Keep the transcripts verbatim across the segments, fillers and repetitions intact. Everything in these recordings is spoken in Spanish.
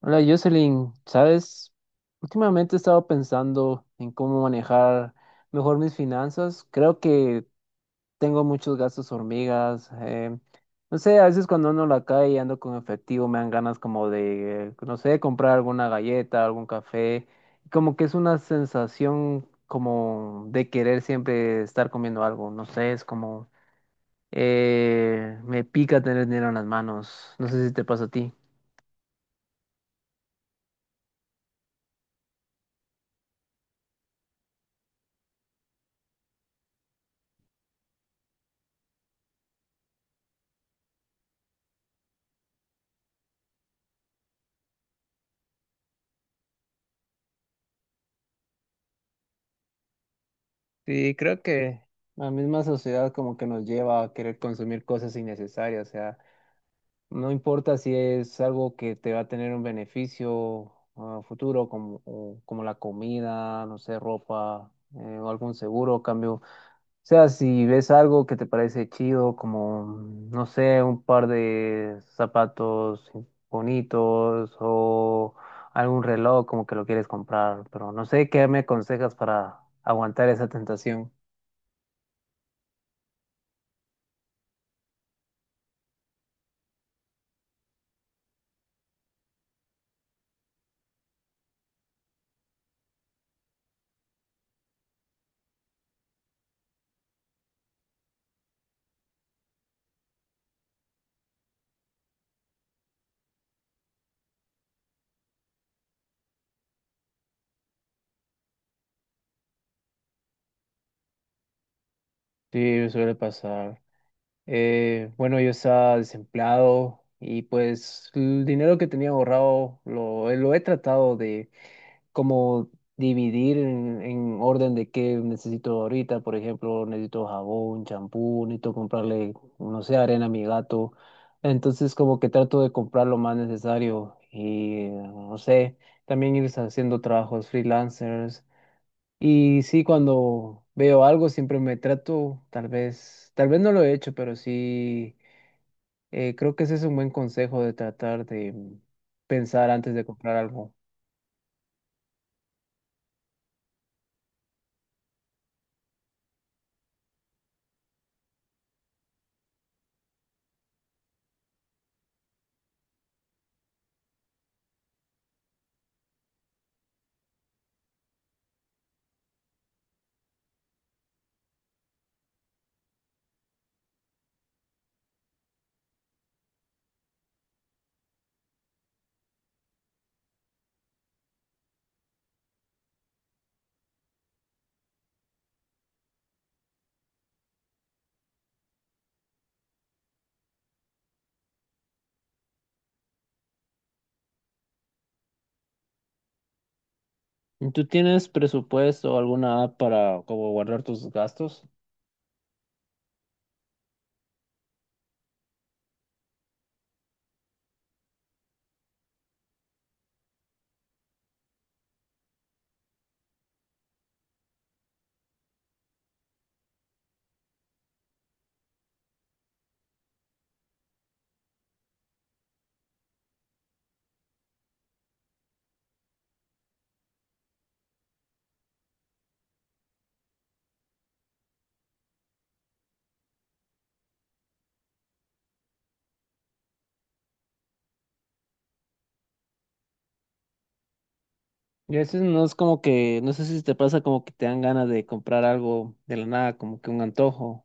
Hola Jocelyn, ¿sabes? Últimamente he estado pensando en cómo manejar mejor mis finanzas. Creo que tengo muchos gastos hormigas. Eh, no sé, a veces cuando ando en la calle y ando con efectivo me dan ganas como de, no sé, comprar alguna galleta, algún café. Como que es una sensación como de querer siempre estar comiendo algo. No sé, es como eh, me pica tener dinero en las manos. No sé si te pasa a ti. Sí, creo que la misma sociedad como que nos lleva a querer consumir cosas innecesarias, o sea, no importa si es algo que te va a tener un beneficio a futuro, como, o- como la comida, no sé, ropa, eh, o algún seguro, cambio. O sea, si ves algo que te parece chido, como, no sé, un par de zapatos bonitos o algún reloj, como que lo quieres comprar, pero no sé qué me aconsejas para aguantar esa tentación. Sí, suele pasar. Eh, bueno, yo estaba desempleado y pues el dinero que tenía ahorrado lo, lo he tratado de como dividir en, en orden de qué necesito ahorita. Por ejemplo, necesito jabón, champú, necesito comprarle, no sé, arena a mi gato. Entonces como que trato de comprar lo más necesario y no sé, también ir haciendo trabajos freelancers. Y sí, cuando veo algo siempre me trato, tal vez, tal vez no lo he hecho, pero sí, eh, creo que ese es un buen consejo de tratar de pensar antes de comprar algo. ¿Tú tienes presupuesto o alguna app para como guardar tus gastos? Y a veces no es como que, no sé si te pasa como que te dan ganas de comprar algo de la nada, como que un antojo.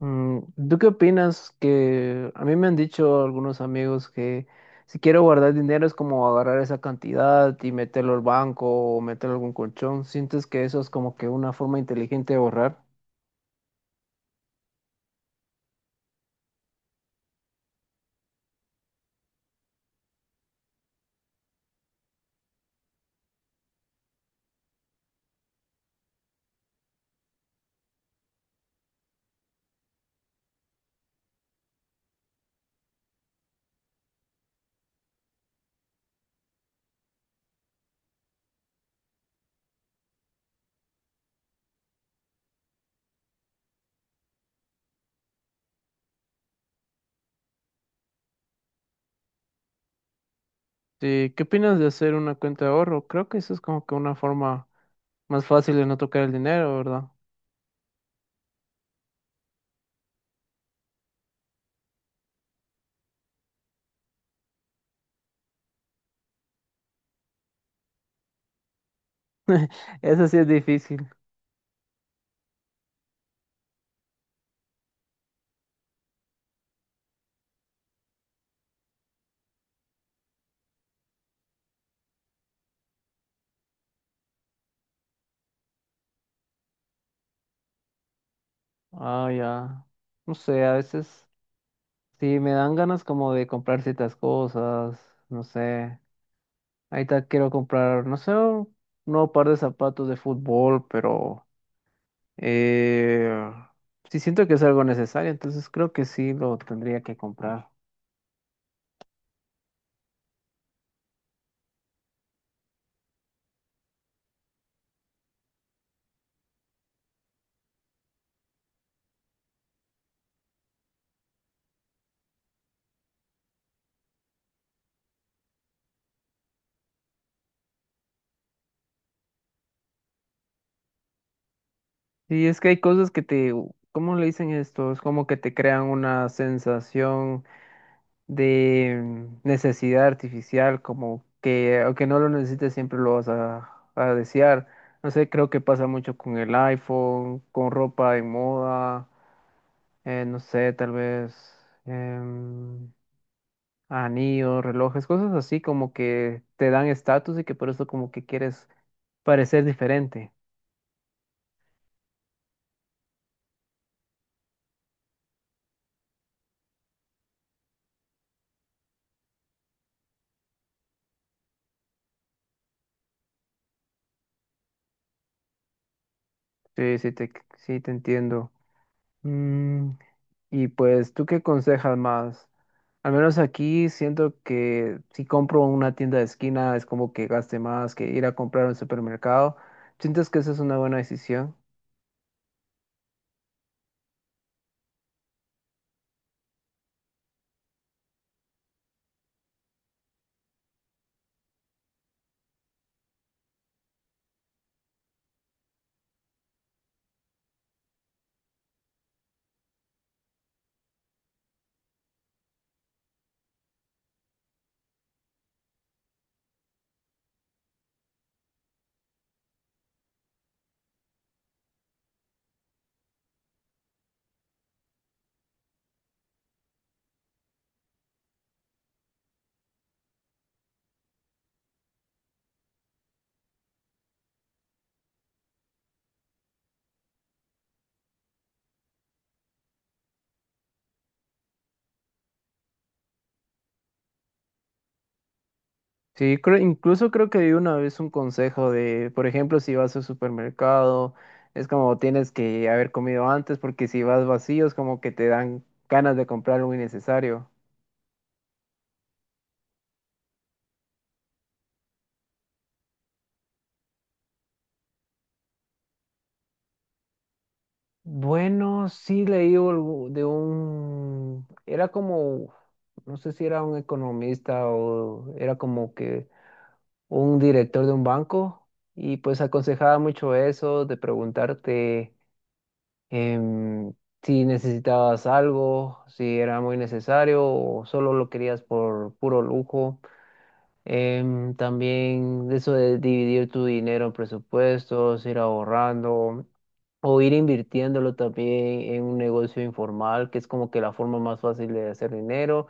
Mm, ¿tú qué opinas? Que a mí me han dicho algunos amigos que si quiero guardar dinero es como agarrar esa cantidad y meterlo al banco o meterlo a algún colchón. ¿Sientes que eso es como que una forma inteligente de ahorrar? Sí, ¿qué opinas de hacer una cuenta de ahorro? Creo que eso es como que una forma más fácil de no tocar el dinero, ¿verdad? Eso sí es difícil. Ah, ya. No sé, a veces sí me dan ganas como de comprar ciertas cosas, no sé. Ahorita quiero comprar, no sé, un nuevo par de zapatos de fútbol, pero eh, sí siento que es algo necesario, entonces creo que sí lo tendría que comprar. Sí, es que hay cosas que te, ¿cómo le dicen esto? Es como que te crean una sensación de mm, necesidad artificial, como que aunque no lo necesites siempre lo vas a, a desear. No sé, creo que pasa mucho con el iPhone, con ropa de moda, eh, no sé, tal vez em, anillos, relojes, cosas así como que te dan estatus y que por eso como que quieres parecer diferente. Sí, sí te, sí te entiendo. Mm, y pues, ¿tú qué aconsejas más? Al menos aquí siento que si compro en una tienda de esquina es como que gaste más que ir a comprar a un supermercado. ¿Sientes que esa es una buena decisión? Sí, creo, incluso creo que di una vez un consejo de, por ejemplo, si vas al supermercado, es como tienes que haber comido antes porque si vas vacío es como que te dan ganas de comprar algo innecesario. Bueno, sí leí algo de un, era como, no sé si era un economista o era como que un director de un banco y pues aconsejaba mucho eso de preguntarte em, si necesitabas algo, si era muy necesario o solo lo querías por puro lujo. Em, también de eso de dividir tu dinero en presupuestos, ir ahorrando. O ir invirtiéndolo también en un negocio informal, que es como que la forma más fácil de hacer dinero.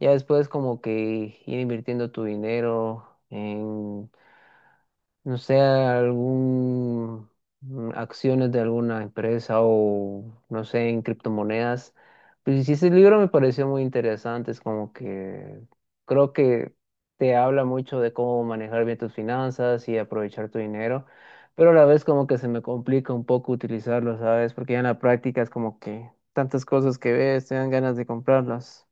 Ya después como que ir invirtiendo tu dinero no sé, algún mm, acciones de alguna empresa o no sé, en criptomonedas. Pues sí, ese libro me pareció muy interesante, es como que creo que te habla mucho de cómo manejar bien tus finanzas y aprovechar tu dinero, pero a la vez como que se me complica un poco utilizarlo, ¿sabes? Porque ya en la práctica es como que tantas cosas que ves, te dan ganas de comprarlas.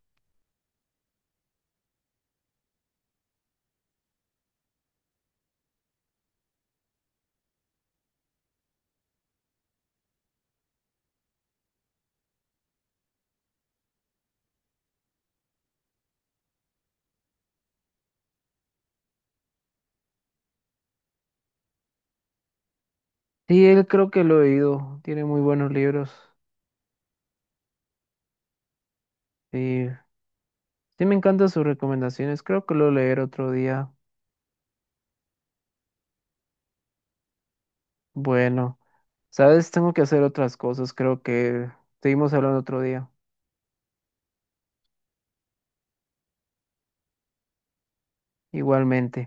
Sí, él creo que lo he oído, tiene muy buenos libros. Sí, Sí, me encantan sus recomendaciones. Creo que lo leeré otro día. Bueno, sabes, tengo que hacer otras cosas. Creo que seguimos hablando otro día. Igualmente.